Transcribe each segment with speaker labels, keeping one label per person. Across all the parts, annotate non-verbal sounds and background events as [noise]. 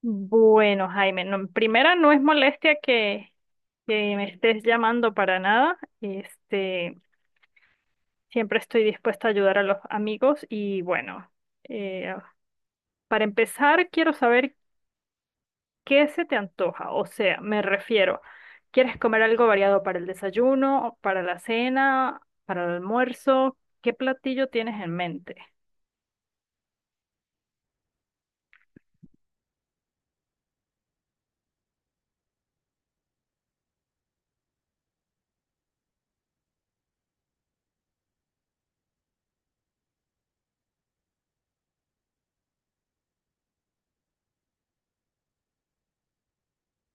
Speaker 1: Bueno, Jaime, no, en primera no es molestia que me estés llamando para nada. Siempre estoy dispuesta a ayudar a los amigos y bueno, eh, para empezar quiero saber qué se te antoja. O sea, me refiero, ¿quieres comer algo variado para el desayuno, para la cena, para el almuerzo? ¿Qué platillo tienes en mente?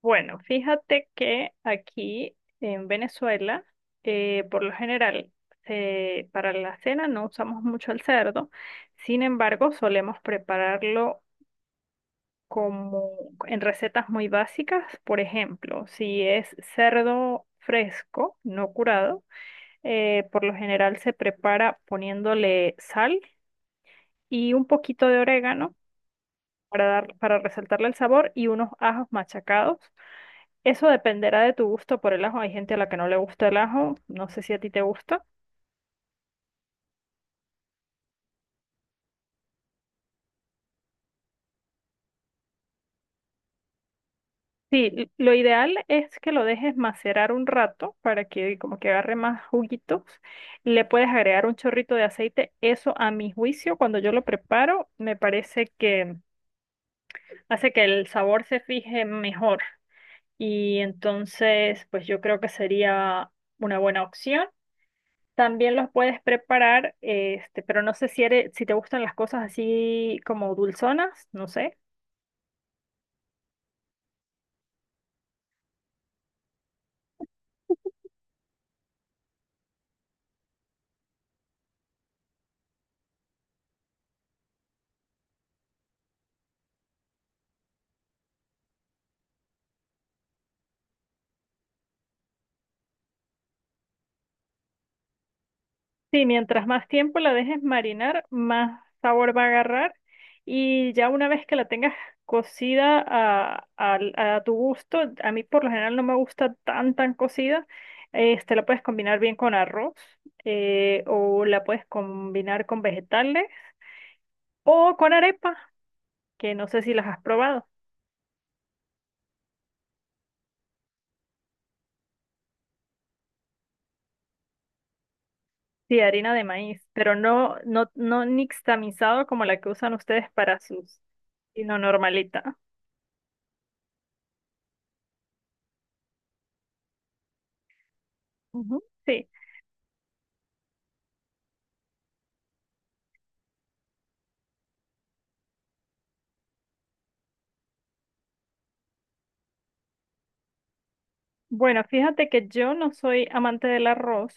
Speaker 1: Bueno, fíjate que aquí en Venezuela, por lo general, para la cena no usamos mucho el cerdo, sin embargo, solemos prepararlo como en recetas muy básicas. Por ejemplo, si es cerdo fresco, no curado, por lo general se prepara poniéndole sal y un poquito de orégano para dar, para resaltarle el sabor y unos ajos machacados. Eso dependerá de tu gusto por el ajo. Hay gente a la que no le gusta el ajo. No sé si a ti te gusta. Sí, lo ideal es que lo dejes macerar un rato para que como que agarre más juguitos. Le puedes agregar un chorrito de aceite. Eso a mi juicio, cuando yo lo preparo, me parece que hace que el sabor se fije mejor. Y entonces, pues yo creo que sería una buena opción. También los puedes preparar, este, pero no sé si si te gustan las cosas así como dulzonas, no sé. Sí, mientras más tiempo la dejes marinar, más sabor va a agarrar. Y ya una vez que la tengas cocida a tu gusto, a mí por lo general no me gusta tan tan cocida, este, la puedes combinar bien con arroz, o la puedes combinar con vegetales o con arepa, que no sé si las has probado. Sí, harina de maíz, pero no nixtamalizado como la que usan ustedes para sus, sino normalita. Ujú. Sí. Bueno, fíjate que yo no soy amante del arroz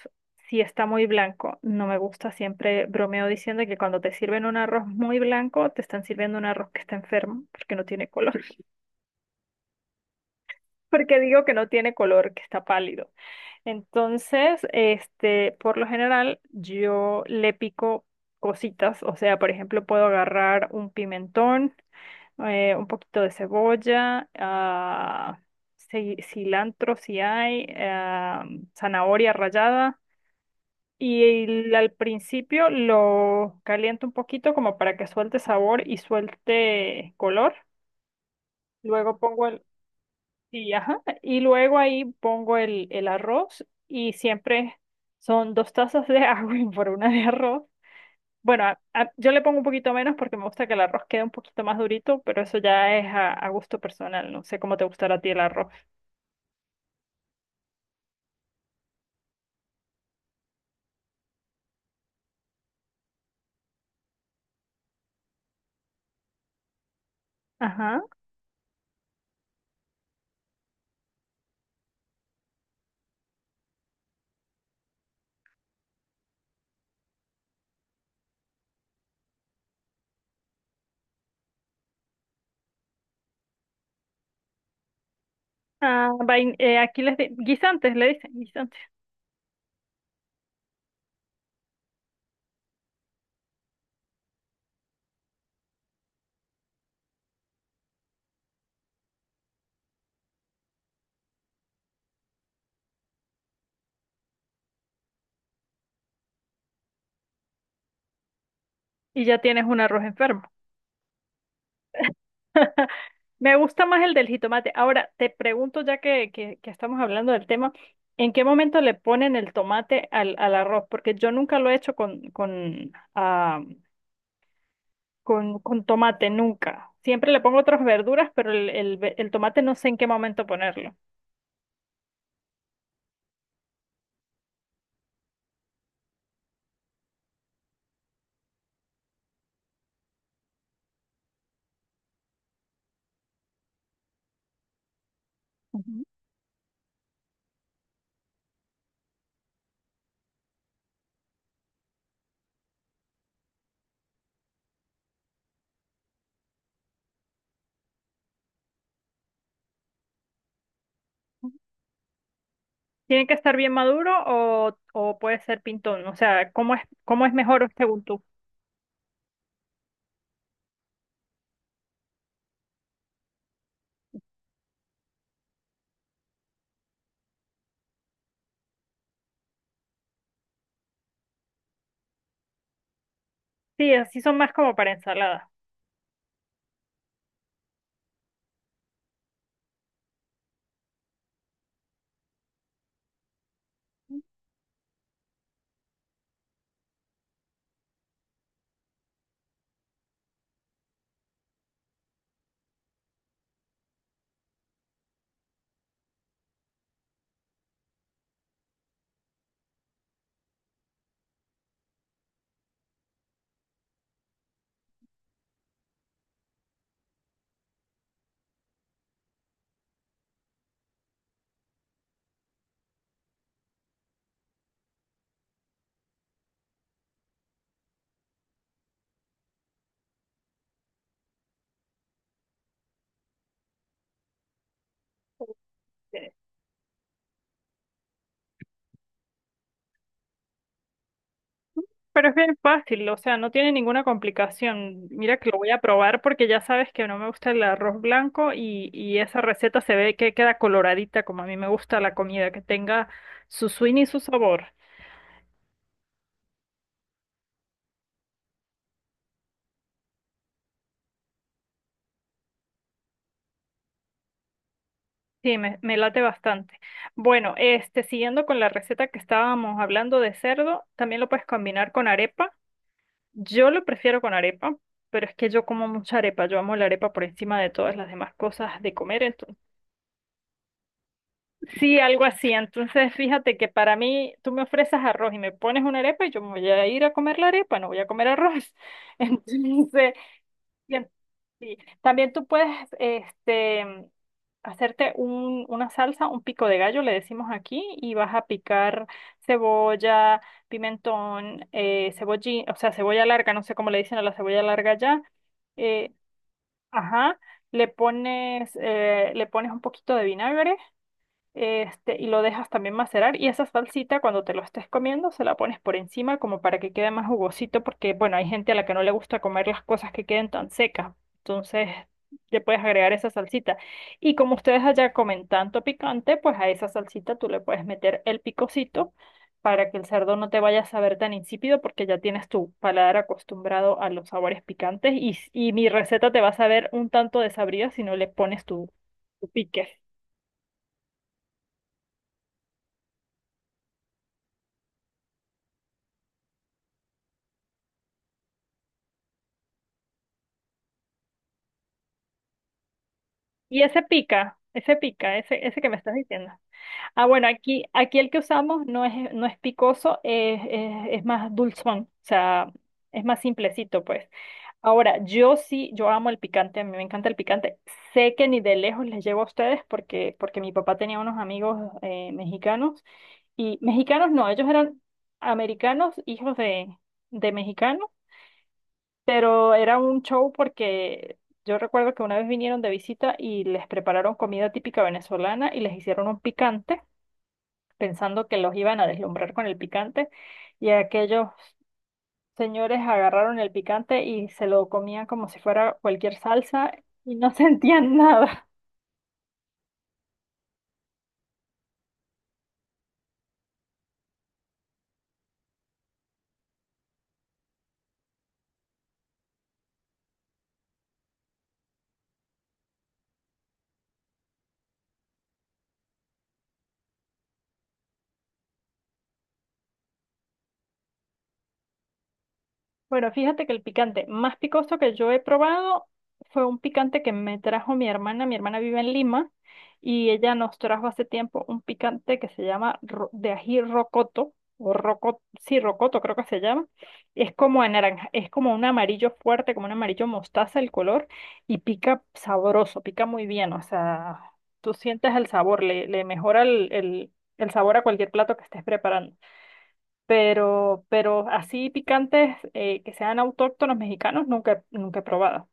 Speaker 1: si está muy blanco. No me gusta, siempre bromeo diciendo que cuando te sirven un arroz muy blanco, te están sirviendo un arroz que está enfermo, porque no tiene color. [laughs] Porque digo que no tiene color, que está pálido. Entonces, este, por lo general, yo le pico cositas. O sea, por ejemplo, puedo agarrar un pimentón un poquito de cebolla, ah, cilantro si hay, ah, zanahoria rallada. Y al principio lo caliento un poquito como para que suelte sabor y suelte color. Luego pongo el... Sí, ajá. Y luego ahí pongo el arroz y siempre son dos tazas de agua [laughs] por una de arroz. Bueno, yo le pongo un poquito menos porque me gusta que el arroz quede un poquito más durito, pero eso ya es a gusto personal. No sé cómo te gustará a ti el arroz. Ajá. Ah, aquí les guisantes, le dicen guisantes. Y ya tienes un arroz enfermo. [laughs] Me gusta más el del jitomate. Ahora, te pregunto, ya que estamos hablando del tema, ¿en qué momento le ponen el tomate al arroz? Porque yo nunca lo he hecho con tomate, nunca. Siempre le pongo otras verduras, pero el tomate no sé en qué momento ponerlo. Ujú. ¿Tiene que estar bien maduro o puede ser pintón? O sea, cómo es mejor según tú? Sí, así son más como para ensalada. Eh, Pero es bien fácil, o sea, no tiene ninguna complicación. Mira que lo voy a probar porque ya sabes que no me gusta el arroz blanco y esa receta se ve que queda coloradita como a mí me gusta la comida, que tenga su swing y su sabor. Sí, me late bastante. Bueno, este, siguiendo con la receta que estábamos hablando de cerdo, también lo puedes combinar con arepa. Yo lo prefiero con arepa, pero es que yo como mucha arepa, yo amo la arepa por encima de todas las demás cosas de comer, entonces. Sí, algo así. Entonces, fíjate que para mí, tú me ofreces arroz y me pones una arepa y yo me voy a ir a comer la arepa, no voy a comer arroz. [laughs] Entonces, Bien. Sí. También tú puedes este, hacerte una salsa, un pico de gallo, le decimos aquí, y vas a picar cebolla, pimentón, cebollín, o sea, cebolla larga, no sé cómo le dicen a la cebolla larga ya. eh, ajá, le pones un poquito de vinagre, este, y lo dejas también macerar. Y esa salsita, cuando te lo estés comiendo, se la pones por encima como para que quede más jugosito, porque bueno, hay gente a la que no le gusta comer las cosas que queden tan secas. Entonces, le puedes agregar esa salsita. Y como ustedes allá comen tanto picante, pues a esa salsita tú le puedes meter el picocito para que el cerdo no te vaya a saber tan insípido, porque ya tienes tu paladar acostumbrado a los sabores picantes. Y mi receta te va a saber un tanto desabrida si no le pones tu, tu pique. Y ese que me estás diciendo. Ah, bueno, aquí el que usamos no es picoso, es más dulzón, o sea, es más simplecito, pues. Ahora, yo sí, yo amo el picante, a mí me encanta el picante. Sé que ni de lejos les llevo a ustedes porque mi papá tenía unos amigos mexicanos y mexicanos no, ellos eran americanos, hijos de mexicanos, pero era un show porque yo recuerdo que una vez vinieron de visita y les prepararon comida típica venezolana y les hicieron un picante, pensando que los iban a deslumbrar con el picante, y aquellos señores agarraron el picante y se lo comían como si fuera cualquier salsa y no [laughs] sentían nada. Bueno, fíjate que el picante más picoso que yo he probado fue un picante que me trajo mi hermana. Mi hermana vive en Lima y ella nos trajo hace tiempo un picante que se llama de ají rocoto o rocoto, sí, rocoto creo que se llama. Es como de naranja, es como un amarillo fuerte, como un amarillo mostaza el color y pica sabroso, pica muy bien. O sea, tú sientes el sabor, le mejora el sabor a cualquier plato que estés preparando, pero así picantes que sean autóctonos mexicanos nunca, nunca he probado.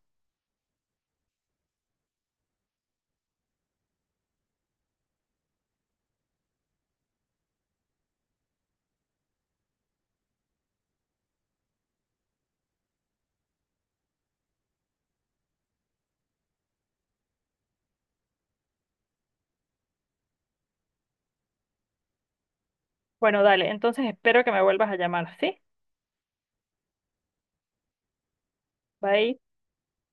Speaker 1: Bueno, dale, entonces espero que me vuelvas a llamar, ¿sí? Bye.